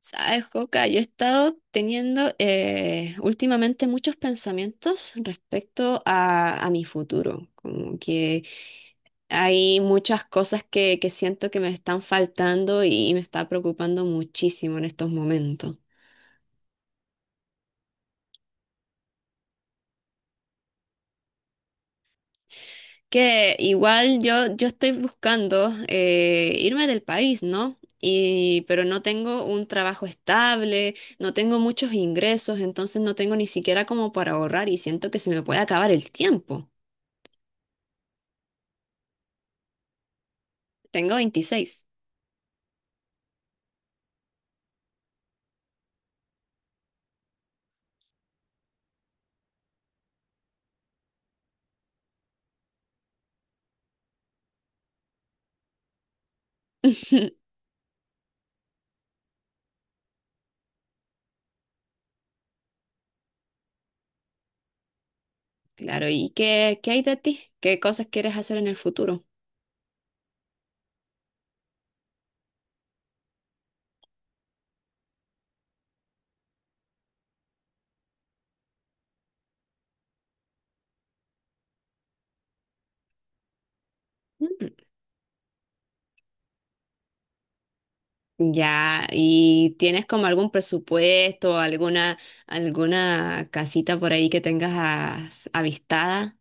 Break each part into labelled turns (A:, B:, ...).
A: Sabes, Joca, yo he estado teniendo últimamente muchos pensamientos respecto a mi futuro, como que hay muchas cosas que siento que me están faltando y me está preocupando muchísimo en estos momentos. Que igual yo estoy buscando irme del país, ¿no? Pero no tengo un trabajo estable, no tengo muchos ingresos, entonces no tengo ni siquiera como para ahorrar y siento que se me puede acabar el tiempo. Tengo 26. Claro, ¿y qué, qué hay de ti? ¿Qué cosas quieres hacer en el futuro? Mm. Ya, ¿y tienes como algún presupuesto, alguna, alguna casita por ahí que tengas avistada?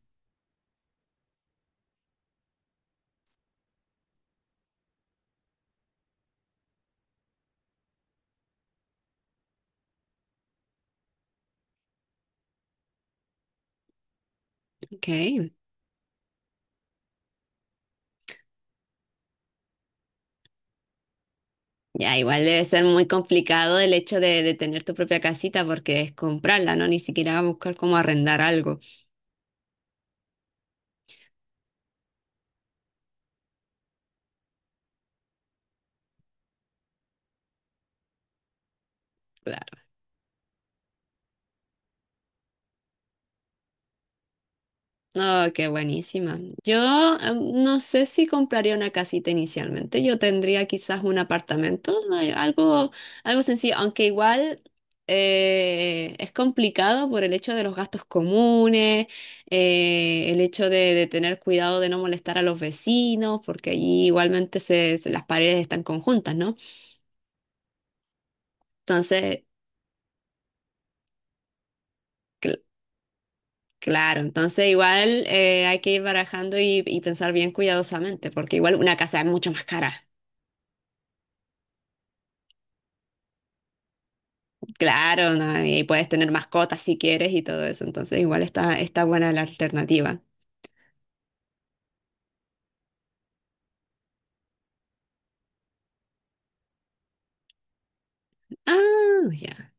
A: Ok. Ya, igual debe ser muy complicado el hecho de tener tu propia casita porque es comprarla, ¿no? Ni siquiera buscar cómo arrendar algo. Claro. No, qué buenísima. Yo no sé si compraría una casita inicialmente. Yo tendría quizás un apartamento, ¿no? Algo, algo sencillo, aunque igual es complicado por el hecho de los gastos comunes, el hecho de tener cuidado de no molestar a los vecinos, porque allí igualmente las paredes están conjuntas, ¿no? Entonces, Cl- claro, entonces igual hay que ir barajando y pensar bien cuidadosamente, porque igual una casa es mucho más cara. Claro, ¿no? Y puedes tener mascotas si quieres y todo eso, entonces igual está, está buena la alternativa. Ah, ya.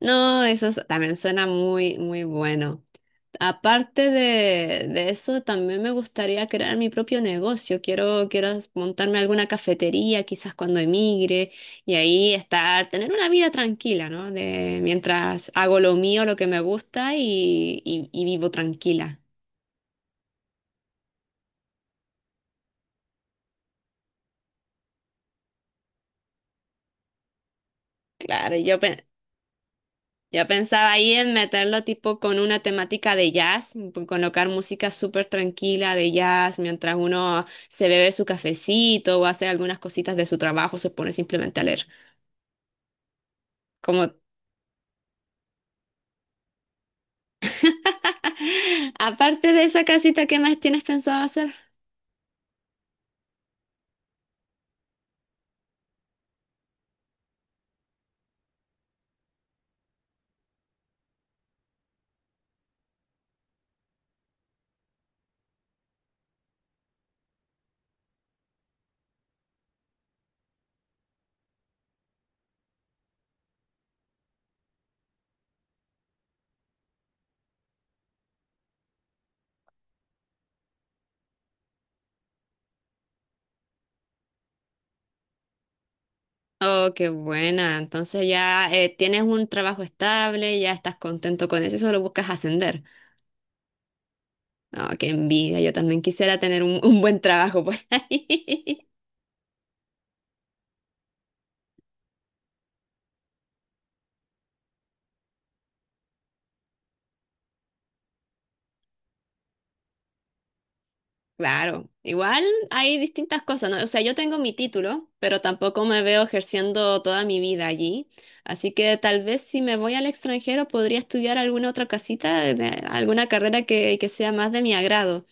A: No, también suena muy, muy bueno. Aparte de eso, también me gustaría crear mi propio negocio. Quiero, quiero montarme alguna cafetería, quizás cuando emigre, y ahí estar, tener una vida tranquila, ¿no? De, mientras hago lo mío, lo que me gusta y, y vivo tranquila. Claro, yo pensaba ahí en meterlo tipo con una temática de jazz, colocar música súper tranquila de jazz mientras uno se bebe su cafecito o hace algunas cositas de su trabajo, se pone simplemente a leer. Como Aparte de esa casita, ¿qué más tienes pensado hacer? Oh, qué buena. Entonces ya tienes un trabajo estable, ya estás contento con eso, y solo buscas ascender. Oh, qué envidia. Yo también quisiera tener un buen trabajo por ahí. Claro, igual hay distintas cosas, ¿no? O sea, yo tengo mi título, pero tampoco me veo ejerciendo toda mi vida allí. Así que tal vez si me voy al extranjero podría estudiar alguna otra casita, alguna carrera que sea más de mi agrado.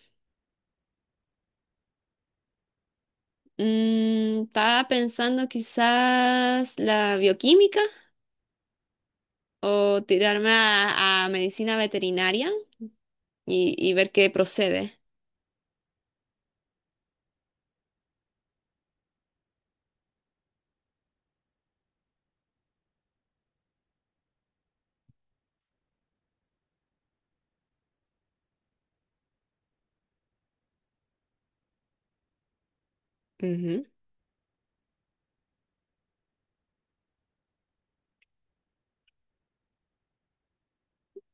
A: Mm, estaba pensando quizás la bioquímica o tirarme a medicina veterinaria y ver qué procede. Ujú.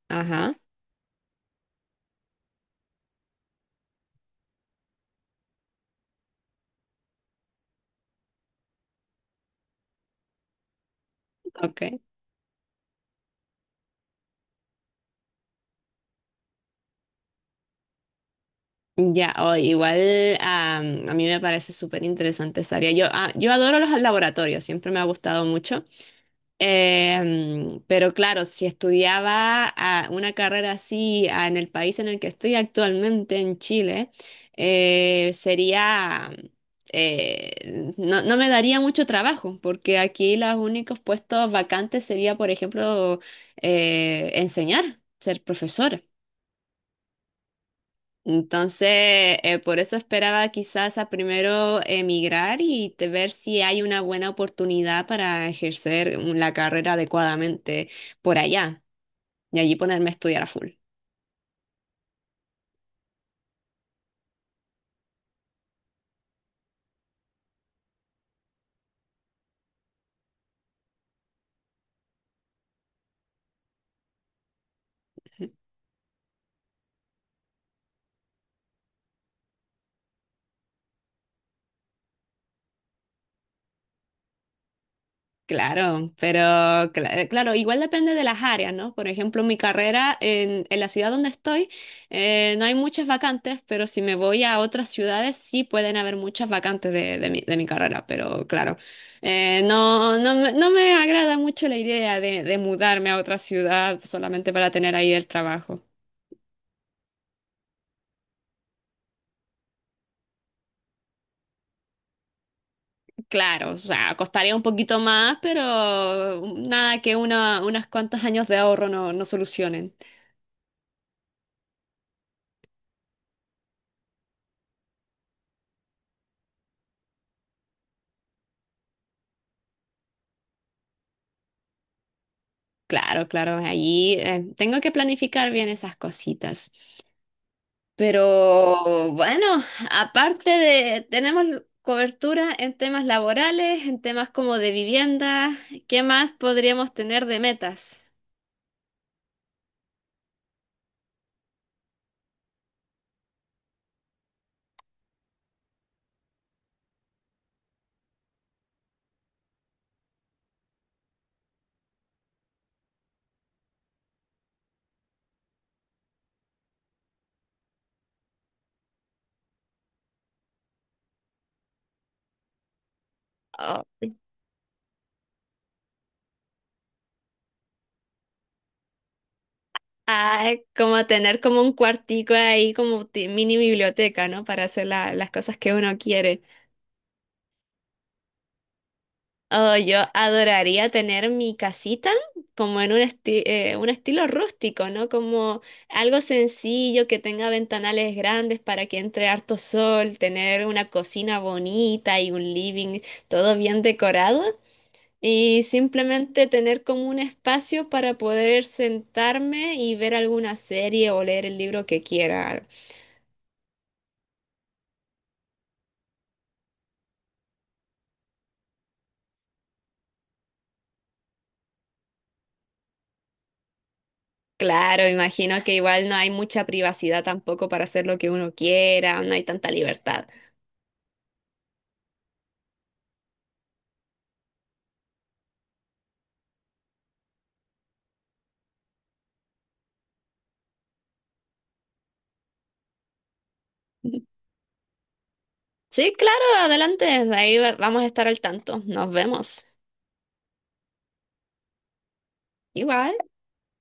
A: Ajá, ok. Ya, o igual a mí me parece súper interesante esa área. Yo, ah, yo adoro los laboratorios, siempre me ha gustado mucho. Pero claro, si estudiaba una carrera así en el país en el que estoy actualmente, en Chile, eh, sería, no, no me daría mucho trabajo, porque aquí los únicos puestos vacantes sería, por ejemplo, enseñar, ser profesora. Entonces, por eso esperaba quizás a primero emigrar y ver si hay una buena oportunidad para ejercer la carrera adecuadamente por allá y allí ponerme a estudiar a full. Claro, pero claro, igual depende de las áreas, ¿no? Por ejemplo, mi carrera en la ciudad donde estoy, no hay muchas vacantes, pero si me voy a otras ciudades sí pueden haber muchas vacantes de mi carrera, pero claro, no me agrada mucho la idea de mudarme a otra ciudad solamente para tener ahí el trabajo. Claro, o sea, costaría un poquito más, pero nada que una, unas cuantas años de ahorro no solucionen. Claro, claro, allí tengo que planificar bien esas cositas. Pero bueno, aparte de, tenemos cobertura en temas laborales, en temas como de vivienda, ¿qué más podríamos tener de metas? Oh, ay, como tener como un cuartico ahí, mini biblioteca, ¿no? Para hacer las cosas que uno quiere. Oh, yo adoraría tener mi casita como en un, un estilo rústico, ¿no? Como algo sencillo que tenga ventanales grandes para que entre harto sol, tener una cocina bonita y un living todo bien decorado y simplemente tener como un espacio para poder sentarme y ver alguna serie o leer el libro que quiera. Claro, imagino que igual no hay mucha privacidad tampoco para hacer lo que uno quiera, no hay tanta libertad. Sí, claro, adelante. Ahí vamos a estar al tanto. Nos vemos. Igual.